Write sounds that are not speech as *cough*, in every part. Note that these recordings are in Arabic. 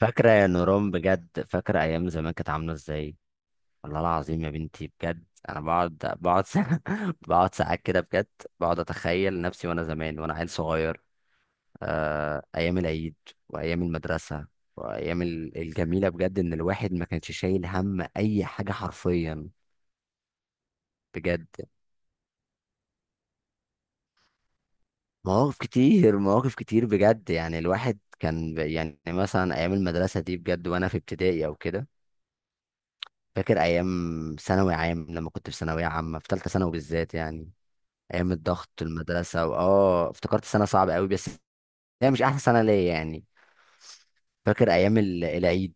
فاكرة يا نوران بجد فاكرة أيام زمان كانت عاملة إزاي؟ والله العظيم يا بنتي بجد أنا بقعد ساعة *laughs* بقعد ساعات كده بجد. بقعد أتخيل نفسي وأنا زمان وأنا عيل صغير. آه، أيام العيد وأيام المدرسة وأيام الجميلة بجد، إن الواحد ما كانش شايل هم أي حاجة حرفيا. بجد مواقف كتير مواقف كتير بجد، يعني الواحد كان يعني مثلا أيام المدرسة دي بجد وأنا في ابتدائي أو كده. فاكر ايام ثانوي عام، لما كنت في ثانويه عامه في ثالثه ثانوي بالذات يعني، ايام الضغط المدرسه واه افتكرت سنه صعبه قوي، بس هي مش احسن سنه ليا يعني. فاكر ايام العيد،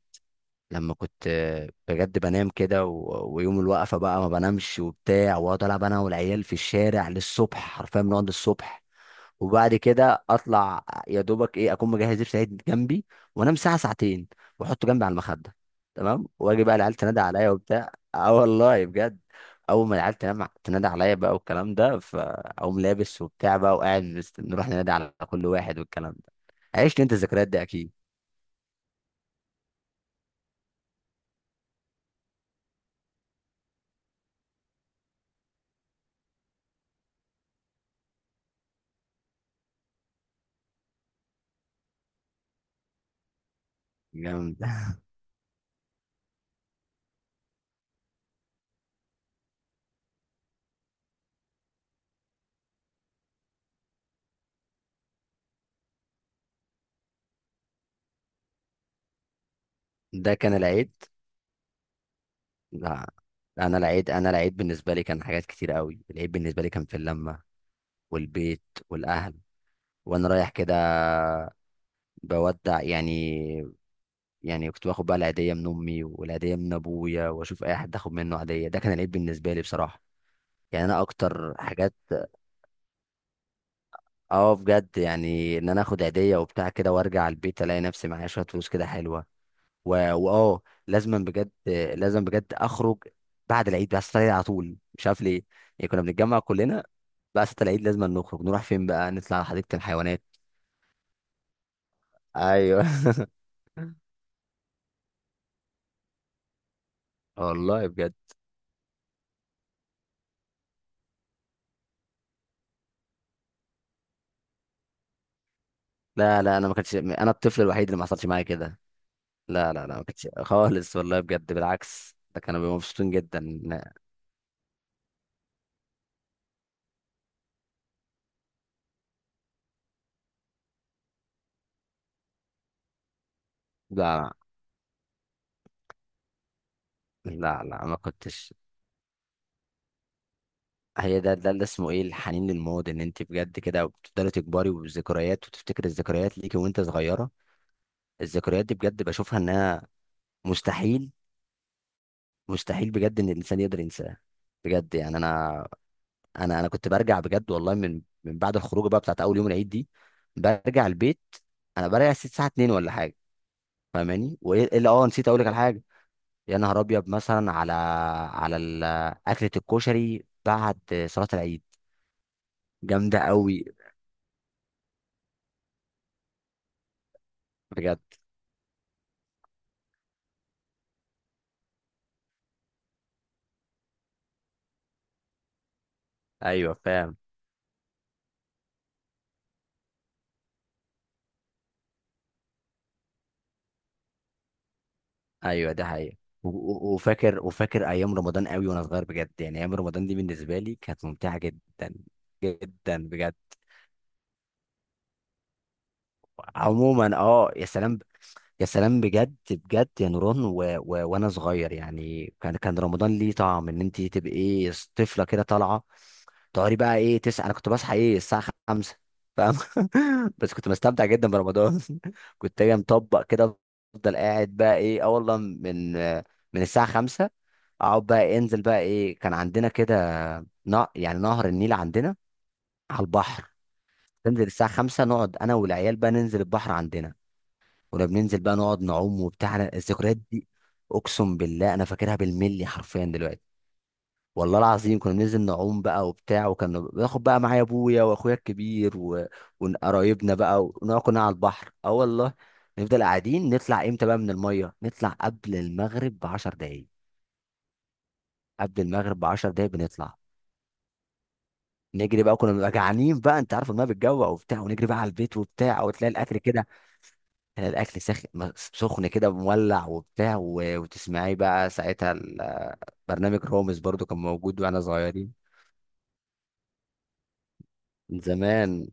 لما كنت بجد بنام كده و- ويوم الوقفه بقى ما بنامش وبتاع، واقعد العب انا والعيال في الشارع للصبح، حرفيا بنقعد للصبح. وبعد كده اطلع يا دوبك ايه، اكون مجهز لبس العيد جنبي وانام ساعه ساعتين واحطه جنبي على المخده. تمام، واجي بقى العيال تنادى عليا وبتاع، اه والله بجد. اول ما العيال تنام تنادى عليا بقى والكلام ده، فاقوم لابس وبتاع بقى وقاعد نروح ننادي على كل واحد والكلام ده. عشت انت الذكريات دي اكيد. جامد *laughs* ده كان العيد. لا، انا العيد بالنسبه لي كان حاجات كتير قوي. العيد بالنسبه لي كان في اللمه والبيت والاهل، وانا رايح كده بودع يعني. يعني كنت باخد بقى العيدية من أمي والعيدية من أبويا، وأشوف أي حد آخد منه عيدية. ده كان العيد بالنسبة لي بصراحة. يعني أنا أكتر حاجات، بجد، يعني إن أنا آخد عيدية وبتاع كده وأرجع البيت ألاقي نفسي معايا شوية فلوس كده حلوة. و... وأه لازما بجد، لازم بجد أخرج بعد العيد بقى، العيد على طول مش عارف ليه. يعني كنا بنتجمع كلنا بقى، ستة العيد لازم نخرج، نروح فين بقى؟ نطلع على حديقة الحيوانات. ايوه *laughs* والله بجد. لا لا، انا ما كنتش انا الطفل الوحيد اللي ما حصلش معايا كده. لا لا لا، ما كانتش *laughs* خالص، والله بجد، بالعكس، ده كانوا بيبقوا مبسوطين جدا. لا لا لا لا، ما كنتش. هي ده اللي اسمه ايه، الحنين للماضي، ان انت بجد كده بتفضلي تكبري وبالذكريات، وتفتكري الذكريات ليكي وانت صغيره. الذكريات دي بجد بشوفها انها مستحيل، مستحيل بجد ان الانسان يقدر ينساها. بجد يعني انا كنت برجع بجد والله، من بعد الخروجه بقى بتاعت اول يوم العيد دي برجع البيت. انا برجع الساعه 2 ولا حاجه، فاهماني وايه؟ إيه اللي نسيت اقول لك على حاجه. يا نهار ابيض، مثلا على على ال- اكله الكشري بعد صلاه العيد. جامده قوي بجد. ايوه فاهم. ايوه ده حقيقي. وفاكر ايام رمضان قوي، وانا صغير بجد، يعني ايام رمضان دي بالنسبه لي كانت ممتعه جدا. جدا بجد، عموما، يا سلام، يا سلام بجد بجد يا نوران. و... و... وانا صغير يعني، كان رمضان ليه طعم، ان انت تبقي ايه، طفله كده طالعه، تقعدي بقى ايه، تسعة. انا كنت بصحى ايه الساعة خمسة، فاهم؟ *laughs* بس كنت بستمتع جدا برمضان *laughs* كنت اجي مطبق كده، افضل قاعد بقى ايه، والله، من الساعة خمسة، اقعد بقى انزل بقى ايه، كان عندنا كده يعني نهر النيل عندنا، على البحر. تنزل الساعة خمسة، نقعد انا والعيال بقى، ننزل البحر عندنا. كنا بننزل بقى نقعد نعوم وبتاع. أنا الذكريات دي اقسم بالله انا فاكرها بالملي حرفيا دلوقتي. والله العظيم كنا بننزل نعوم بقى وبتاع، وكنا باخد بقى معايا ابويا واخويا الكبير و- وقرايبنا بقى، ونقعد كنا على البحر، اه والله. نفضل قاعدين، نطلع امتى بقى من الميه؟ نطلع قبل المغرب ب 10 دقايق، قبل المغرب ب 10 دقايق بنطلع. نجري بقى، كنا بنبقى جعانين بقى، انت عارف الميه بتجوع وبتاع، ونجري بقى على البيت وبتاع، وتلاقي الاكل كده، تلاقي الاكل سخن كده مولع وبتاع، و... وتسمعي بقى ساعتها برنامج رامز، برضو كان موجود واحنا صغيرين من زمان.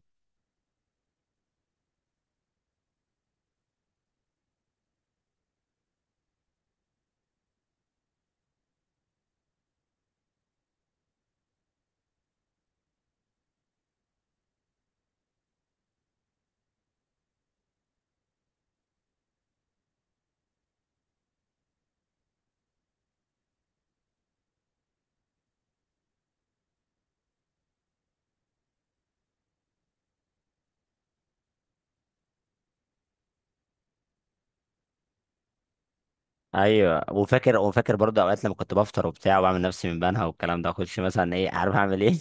ايوه، وفاكر برضه اوقات لما كنت بفطر وبتاع، وبعمل نفسي من بنها والكلام ده، اخش مثلا ايه، عارف اعمل ايه؟ *laughs*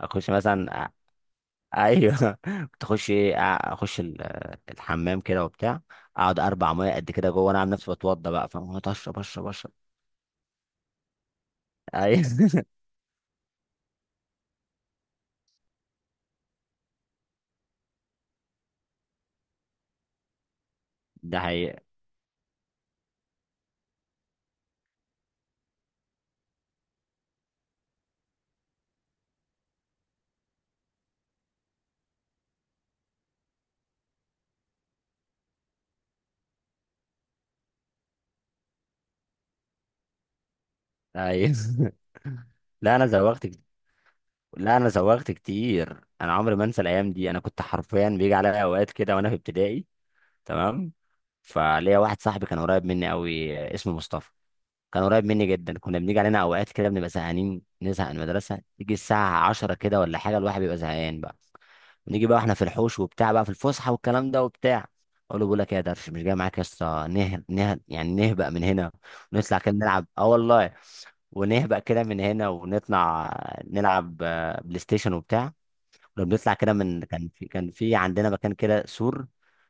اخش مثلا ايوه *laughs* كنت اخش ايه، اخش الحمام كده وبتاع، اقعد اربع ميه قد كده جوه وانا عامل نفسي بتوضى بقى فاهم؟ أقعد اشرب اشرب اشرب. ايوه *laughs* ده حقيقة. ايوه *laughs* لا، انا زوغت كتير، انا عمري ما انسى الايام دي. انا كنت حرفيا بيجي عليا اوقات كده وانا في ابتدائي. تمام، فليا واحد صاحبي كان قريب مني قوي، اسمه مصطفى. كان قريب مني جدا، كنا بنيجي علينا اوقات كده بنبقى زهقانين، نزهق من المدرسه، تيجي الساعه 10 كده ولا حاجه، الواحد بيبقى زهقان بقى، ونيجي بقى واحنا في الحوش وبتاع بقى في الفسحه والكلام ده وبتاع. اقول له، بقول لك ايه يا درش، مش جاي معاك يا اسطى يعني نهبق من هنا، ونطلع كده نلعب، اه والله. ونهبق كده من هنا ونطلع نلعب بلاي ستيشن وبتاع. ولما بنطلع كده من، كان في عندنا مكان كده سور،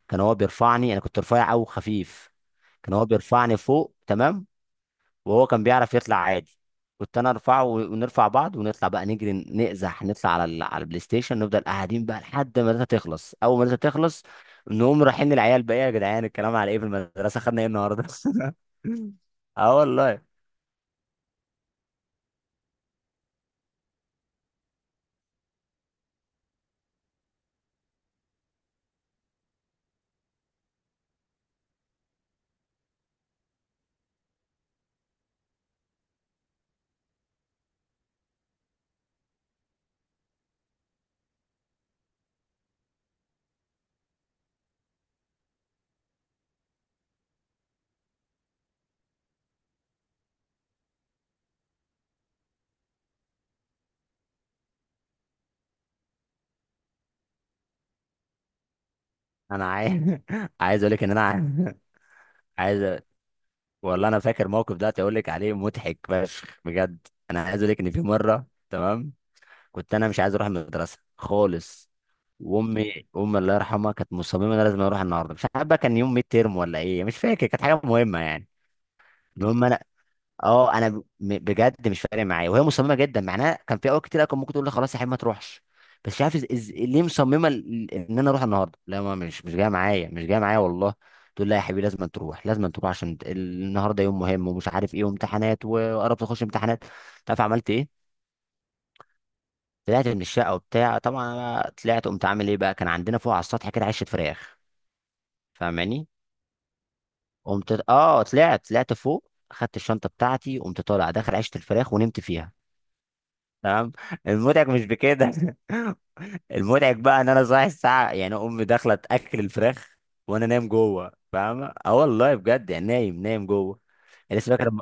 كان هو بيرفعني، انا كنت رفيع او خفيف، كان هو بيرفعني فوق، تمام، وهو كان بيعرف يطلع عادي. كنت انا ارفعه و- ونرفع بعض، ونطلع بقى نجري نقزح، نطلع على على البلاي ستيشن، نفضل قاعدين بقى لحد ما الداتا تخلص. اول ما الداتا تخلص نقوم رايحين للعيال بقى: "إيه يا جدعان، الكلام على ايه في المدرسه، خدنا ايه النهارده؟" *laughs* اه والله. انا عايز *laughs* عايز اقول لك ان انا عايز *laughs* عايز أ- والله انا فاكر موقف ده اقول لك عليه مضحك فشخ بجد. انا عايز اقول لك ان في مره، تمام؟ كنت انا مش عايز اروح المدرسه خالص، وامي، الله يرحمها، كانت مصممه ان انا لازم اروح النهارده. مش عارف بقى كان يوم ميد تيرم ولا ايه، مش فاكر، كانت حاجه مهمه يعني. المهم انا، بجد مش فارق معايا، وهي مصممه جدا، معناها كان في اوقات كتير أوي كان ممكن تقول لي خلاص يا حبيبي ما تروحش، بس مش عارف ليه مصممه ان انا اروح النهارده. لا، ما مش جايه معايا، مش جايه معايا والله. تقول لي لا يا حبيبي، لازم تروح، لازم تروح، عشان النهارده يوم مهم، ومش عارف ايه، وامتحانات، وقربت تخش امتحانات. تعرف عملت ايه؟ طلعت من الشقه وبتاع، طبعا انا طلعت قمت عامل ايه بقى، كان عندنا فوق على السطح كده عشه فراخ، فاهماني؟ قمت طلعت فوق، خدت الشنطه بتاعتي، قمت طالع داخل عشه الفراخ ونمت فيها، تمام. المضحك مش بكده *laughs* المضحك بقى ان انا صاحي الساعه، يعني امي داخله تاكل الفراخ وانا نايم جوه، فاهمه؟ اه والله بجد، يعني نايم نايم جوه. يعني لسه فاكر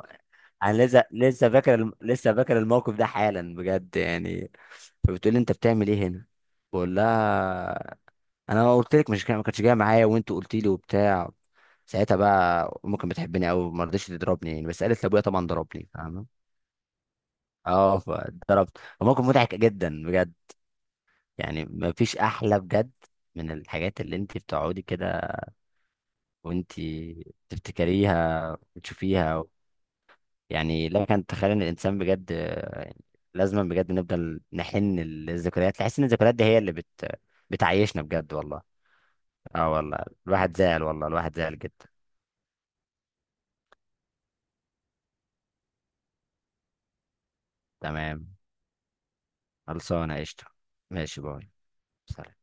انا لسه فاكر لسه فاكر الموقف ده حالا بجد يعني. فبتقول لي انت بتعمل ايه هنا؟ بقول لها انا قلت لك مش ما كانتش جايه معايا، وانت قلت لي وبتاع. ساعتها بقى امي كانت بتحبني قوي، ما رضتش تضربني يعني، بس قالت لابويا طبعا ضربني، فاهمه؟ اه، فضربت، وموقف مضحك جدا بجد. يعني ما فيش احلى بجد من الحاجات اللي انت بتقعدي كده وانت تفتكريها وتشوفيها. يعني لا، كان تخيل ان الانسان بجد يعني، لازم بجد نفضل نحن للذكريات، تحس ان الذكريات دي هي اللي بتعيشنا بجد والله. اه والله، الواحد زعل، والله الواحد زعل جدا. تمام، خلصانة، قشطة. ماشي، باي. سلام.